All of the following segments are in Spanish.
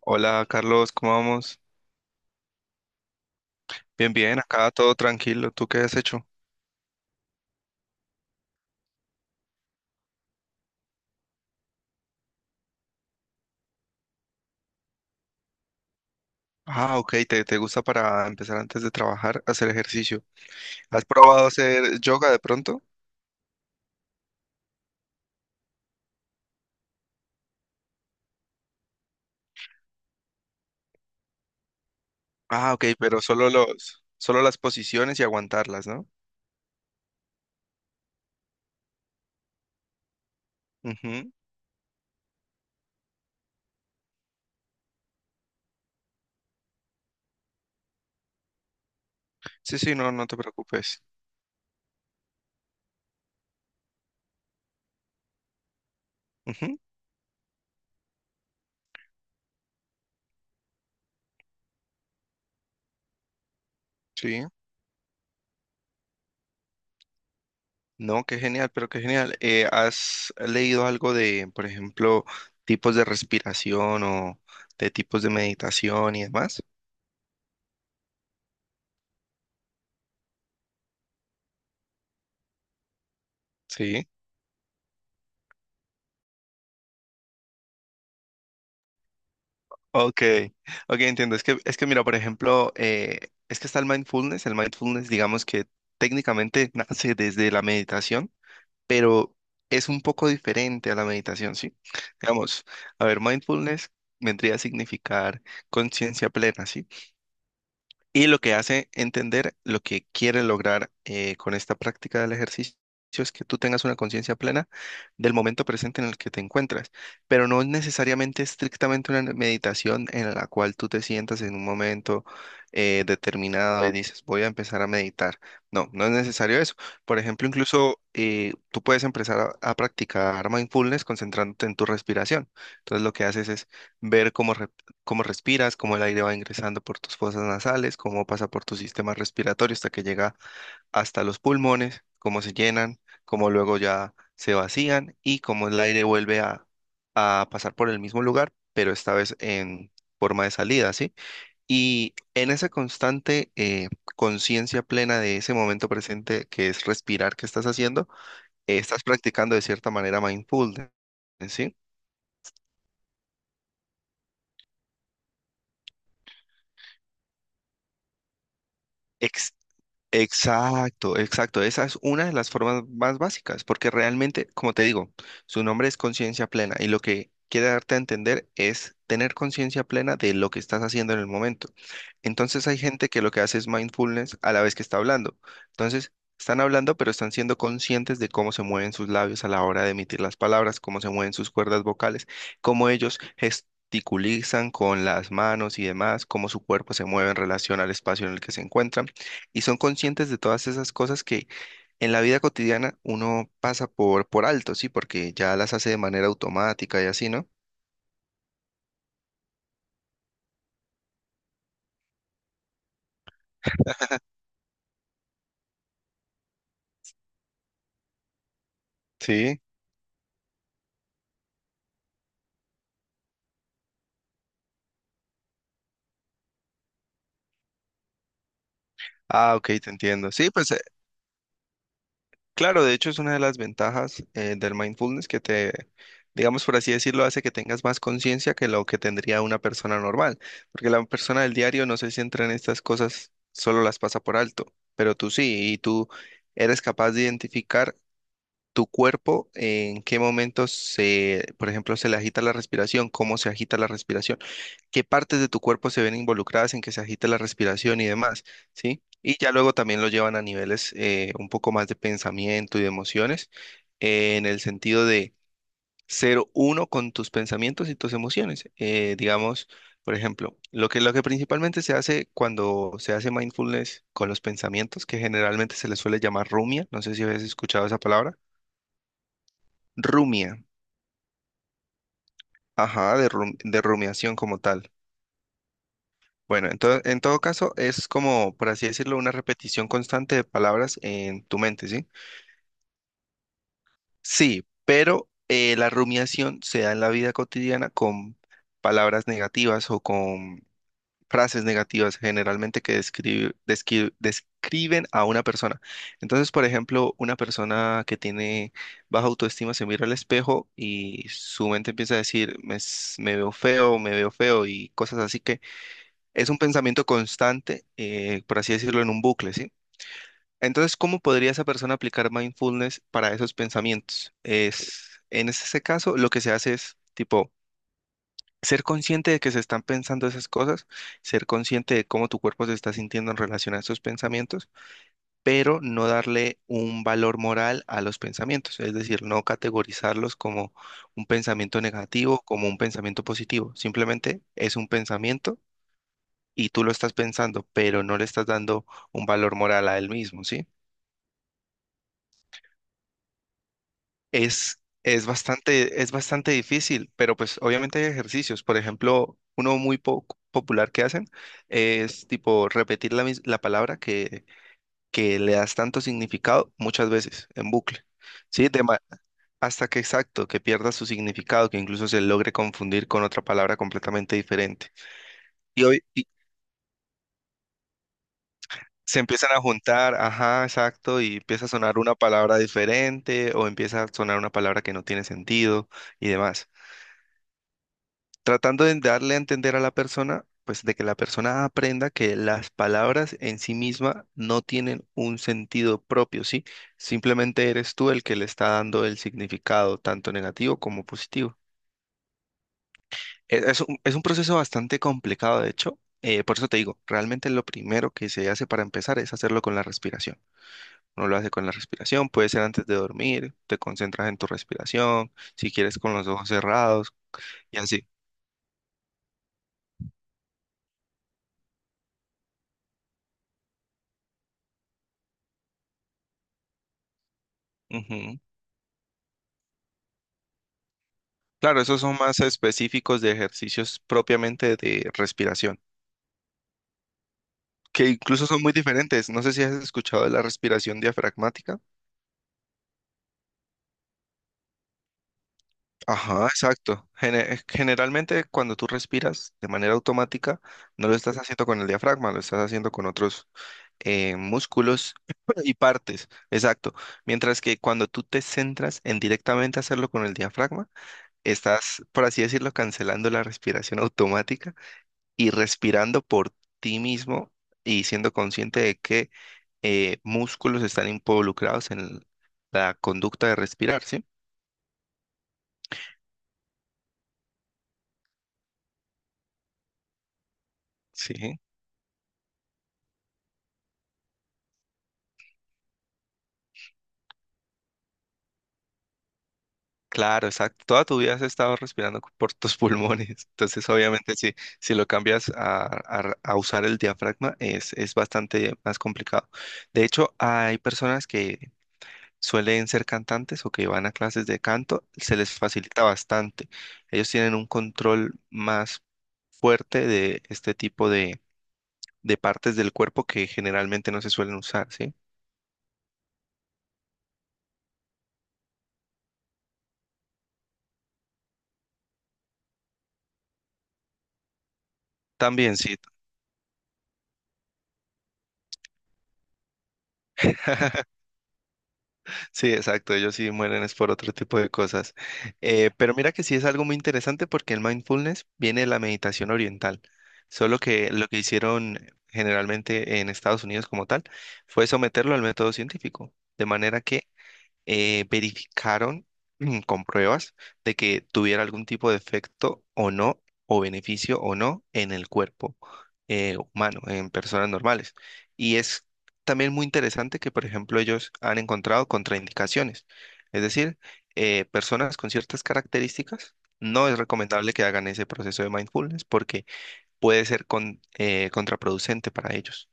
Hola Carlos, ¿cómo vamos? Bien, bien, acá todo tranquilo. ¿Tú qué has hecho? Ah, ok, te gusta para empezar antes de trabajar, hacer ejercicio. ¿Has probado hacer yoga de pronto? Ah, ok, pero solo las posiciones y aguantarlas, ¿no? Ujú. Sí, sí, no, no te preocupes. Ujú. Sí. No, qué genial, pero qué genial. ¿Has leído algo de, por ejemplo, tipos de respiración o de tipos de meditación y demás? Sí. Ok, ok, entiendo. Es que mira, por ejemplo, es que está el mindfulness. El mindfulness, digamos que técnicamente nace desde la meditación, pero es un poco diferente a la meditación, ¿sí? Digamos, a ver, mindfulness vendría a significar conciencia plena, ¿sí? Y lo que hace entender lo que quiere lograr con esta práctica del ejercicio es que tú tengas una conciencia plena del momento presente en el que te encuentras, pero no es necesariamente estrictamente una meditación en la cual tú te sientas en un momento determinado y dices, voy a empezar a meditar. No, no es necesario eso. Por ejemplo, incluso tú puedes empezar a practicar mindfulness concentrándote en tu respiración. Entonces lo que haces es ver cómo respiras, cómo el aire va ingresando por tus fosas nasales, cómo pasa por tu sistema respiratorio hasta que llega hasta los pulmones, cómo se llenan, cómo luego ya se vacían y cómo el aire vuelve a pasar por el mismo lugar, pero esta vez en forma de salida, ¿sí? Y en esa constante conciencia plena de ese momento presente que es respirar que estás haciendo, estás practicando de cierta manera mindfulness, ¿sí? Ex- Exacto, exacto. Esa es una de las formas más básicas, porque realmente, como te digo, su nombre es conciencia plena y lo que quiere darte a entender es tener conciencia plena de lo que estás haciendo en el momento. Entonces hay gente que lo que hace es mindfulness a la vez que está hablando. Entonces, están hablando, pero están siendo conscientes de cómo se mueven sus labios a la hora de emitir las palabras, cómo se mueven sus cuerdas vocales, cómo ellos gesticulizan con las manos y demás, cómo su cuerpo se mueve en relación al espacio en el que se encuentran y son conscientes de todas esas cosas que en la vida cotidiana uno pasa por alto, ¿sí? Porque ya las hace de manera automática y así, ¿no? Sí. Ah, ok, te entiendo. Sí, pues claro, de hecho es una de las ventajas del mindfulness que te, digamos por así decirlo, hace que tengas más conciencia que lo que tendría una persona normal, porque la persona del diario no se centra en estas cosas, solo las pasa por alto, pero tú sí, y tú eres capaz de identificar tu cuerpo, en qué momentos se, por ejemplo, se le agita la respiración, cómo se agita la respiración, qué partes de tu cuerpo se ven involucradas en que se agite la respiración y demás, ¿sí? Y ya luego también lo llevan a niveles un poco más de pensamiento y de emociones, en el sentido de ser uno con tus pensamientos y tus emociones. Digamos, por ejemplo, lo que principalmente se hace cuando se hace mindfulness con los pensamientos, que generalmente se les suele llamar rumia, no sé si habéis escuchado esa palabra. Rumia. Ajá, de rumiación como tal. Bueno, entonces, en todo caso, es como, por así decirlo, una repetición constante de palabras en tu mente, ¿sí? Sí, pero la rumiación se da en la vida cotidiana con palabras negativas o con frases negativas generalmente que describen a una persona. Entonces, por ejemplo, una persona que tiene baja autoestima se mira al espejo y su mente empieza a decir, me, me veo feo y cosas así que es un pensamiento constante, por así decirlo, en un bucle, ¿sí? Entonces, ¿cómo podría esa persona aplicar mindfulness para esos pensamientos? Es, en ese caso, lo que se hace es, tipo, ser consciente de que se están pensando esas cosas, ser consciente de cómo tu cuerpo se está sintiendo en relación a esos pensamientos, pero no darle un valor moral a los pensamientos, es decir, no categorizarlos como un pensamiento negativo, como un pensamiento positivo, simplemente es un pensamiento y tú lo estás pensando, pero no le estás dando un valor moral a él mismo, ¿sí? Es bastante difícil, pero pues obviamente hay ejercicios. Por ejemplo, uno muy popular que hacen es tipo repetir la palabra que le das tanto significado muchas veces en bucle, ¿sí? Hasta que exacto, que pierda su significado, que incluso se logre confundir con otra palabra completamente diferente. Y hoy y se empiezan a juntar, ajá, exacto, y empieza a sonar una palabra diferente o empieza a sonar una palabra que no tiene sentido y demás. Tratando de darle a entender a la persona, pues de que la persona aprenda que las palabras en sí misma no tienen un sentido propio, ¿sí? Simplemente eres tú el que le está dando el significado, tanto negativo como positivo. Es un proceso bastante complicado, de hecho. Por eso te digo, realmente lo primero que se hace para empezar es hacerlo con la respiración. Uno lo hace con la respiración, puede ser antes de dormir, te concentras en tu respiración, si quieres con los ojos cerrados y así. Ujú. Claro, esos son más específicos de ejercicios propiamente de respiración, que incluso son muy diferentes. No sé si has escuchado de la respiración diafragmática. Ajá, exacto. Generalmente cuando tú respiras de manera automática, no lo estás haciendo con el diafragma, lo estás haciendo con otros músculos y partes. Exacto. Mientras que cuando tú te centras en directamente hacerlo con el diafragma, estás, por así decirlo, cancelando la respiración automática y respirando por ti mismo y siendo consciente de qué músculos están involucrados en la conducta de respirar, ¿sí? Sí, claro, exacto. Toda tu vida has estado respirando por tus pulmones. Entonces, obviamente, si lo cambias a usar el diafragma, es bastante más complicado. De hecho, hay personas que suelen ser cantantes o que van a clases de canto, se les facilita bastante. Ellos tienen un control más fuerte de este tipo de partes del cuerpo que generalmente no se suelen usar, ¿sí? También sí, sí, exacto, ellos sí mueren es por otro tipo de cosas. Pero mira que sí es algo muy interesante porque el mindfulness viene de la meditación oriental, solo que lo que hicieron generalmente en Estados Unidos como tal fue someterlo al método científico, de manera que verificaron con pruebas de que tuviera algún tipo de efecto o no, o beneficio o no en el cuerpo humano, en personas normales. Y es también muy interesante que, por ejemplo, ellos han encontrado contraindicaciones. Es decir, personas con ciertas características, no es recomendable que hagan ese proceso de mindfulness porque puede ser contraproducente para ellos.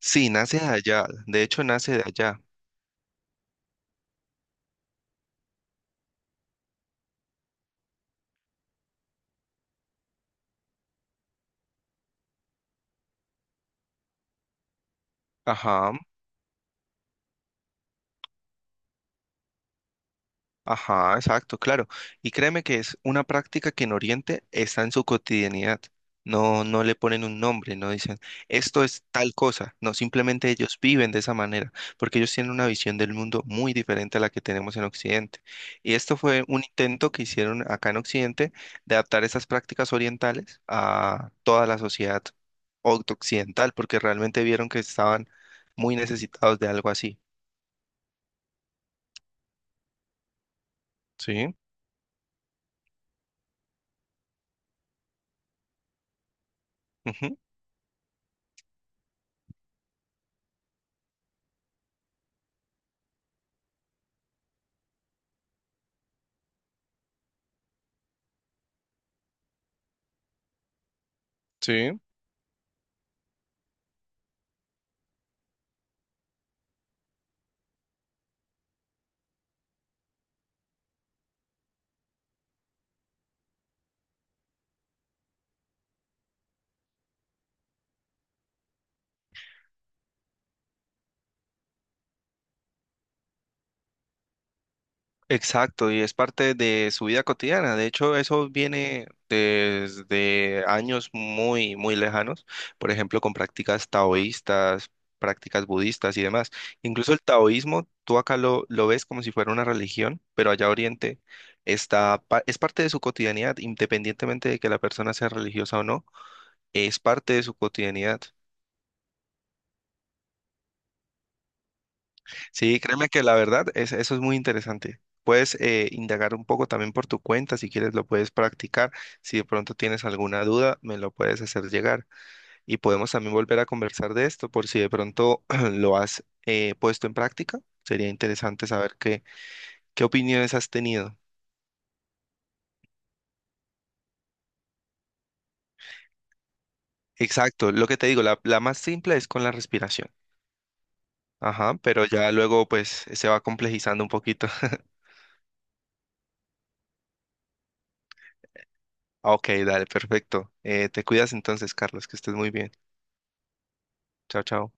Sí, nace de allá. De hecho, nace de allá. Ajá. Ajá, exacto, claro. Y créeme que es una práctica que en Oriente está en su cotidianidad. No, no le ponen un nombre, no dicen esto es tal cosa. No, simplemente ellos viven de esa manera, porque ellos tienen una visión del mundo muy diferente a la que tenemos en Occidente. Y esto fue un intento que hicieron acá en Occidente de adaptar esas prácticas orientales a toda la sociedad occidental, porque realmente vieron que estaban muy necesitados de algo así. Sí, ujú, sí. Exacto, y es parte de su vida cotidiana. De hecho, eso viene desde años muy, muy lejanos, por ejemplo, con prácticas taoístas, prácticas budistas y demás. Incluso el taoísmo, tú acá lo ves como si fuera una religión, pero allá Oriente está, es parte de su cotidianidad, independientemente de que la persona sea religiosa o no, es parte de su cotidianidad. Sí, créeme que la verdad es, eso es muy interesante. Puedes indagar un poco también por tu cuenta, si quieres lo puedes practicar. Si de pronto tienes alguna duda, me lo puedes hacer llegar. Y podemos también volver a conversar de esto por si de pronto lo has puesto en práctica. Sería interesante saber qué opiniones has tenido. Exacto, lo que te digo, la más simple es con la respiración. Ajá, pero ya luego pues se va complejizando un poquito. Ok, dale, perfecto. Te cuidas entonces, Carlos, que estés muy bien. Chao, chao.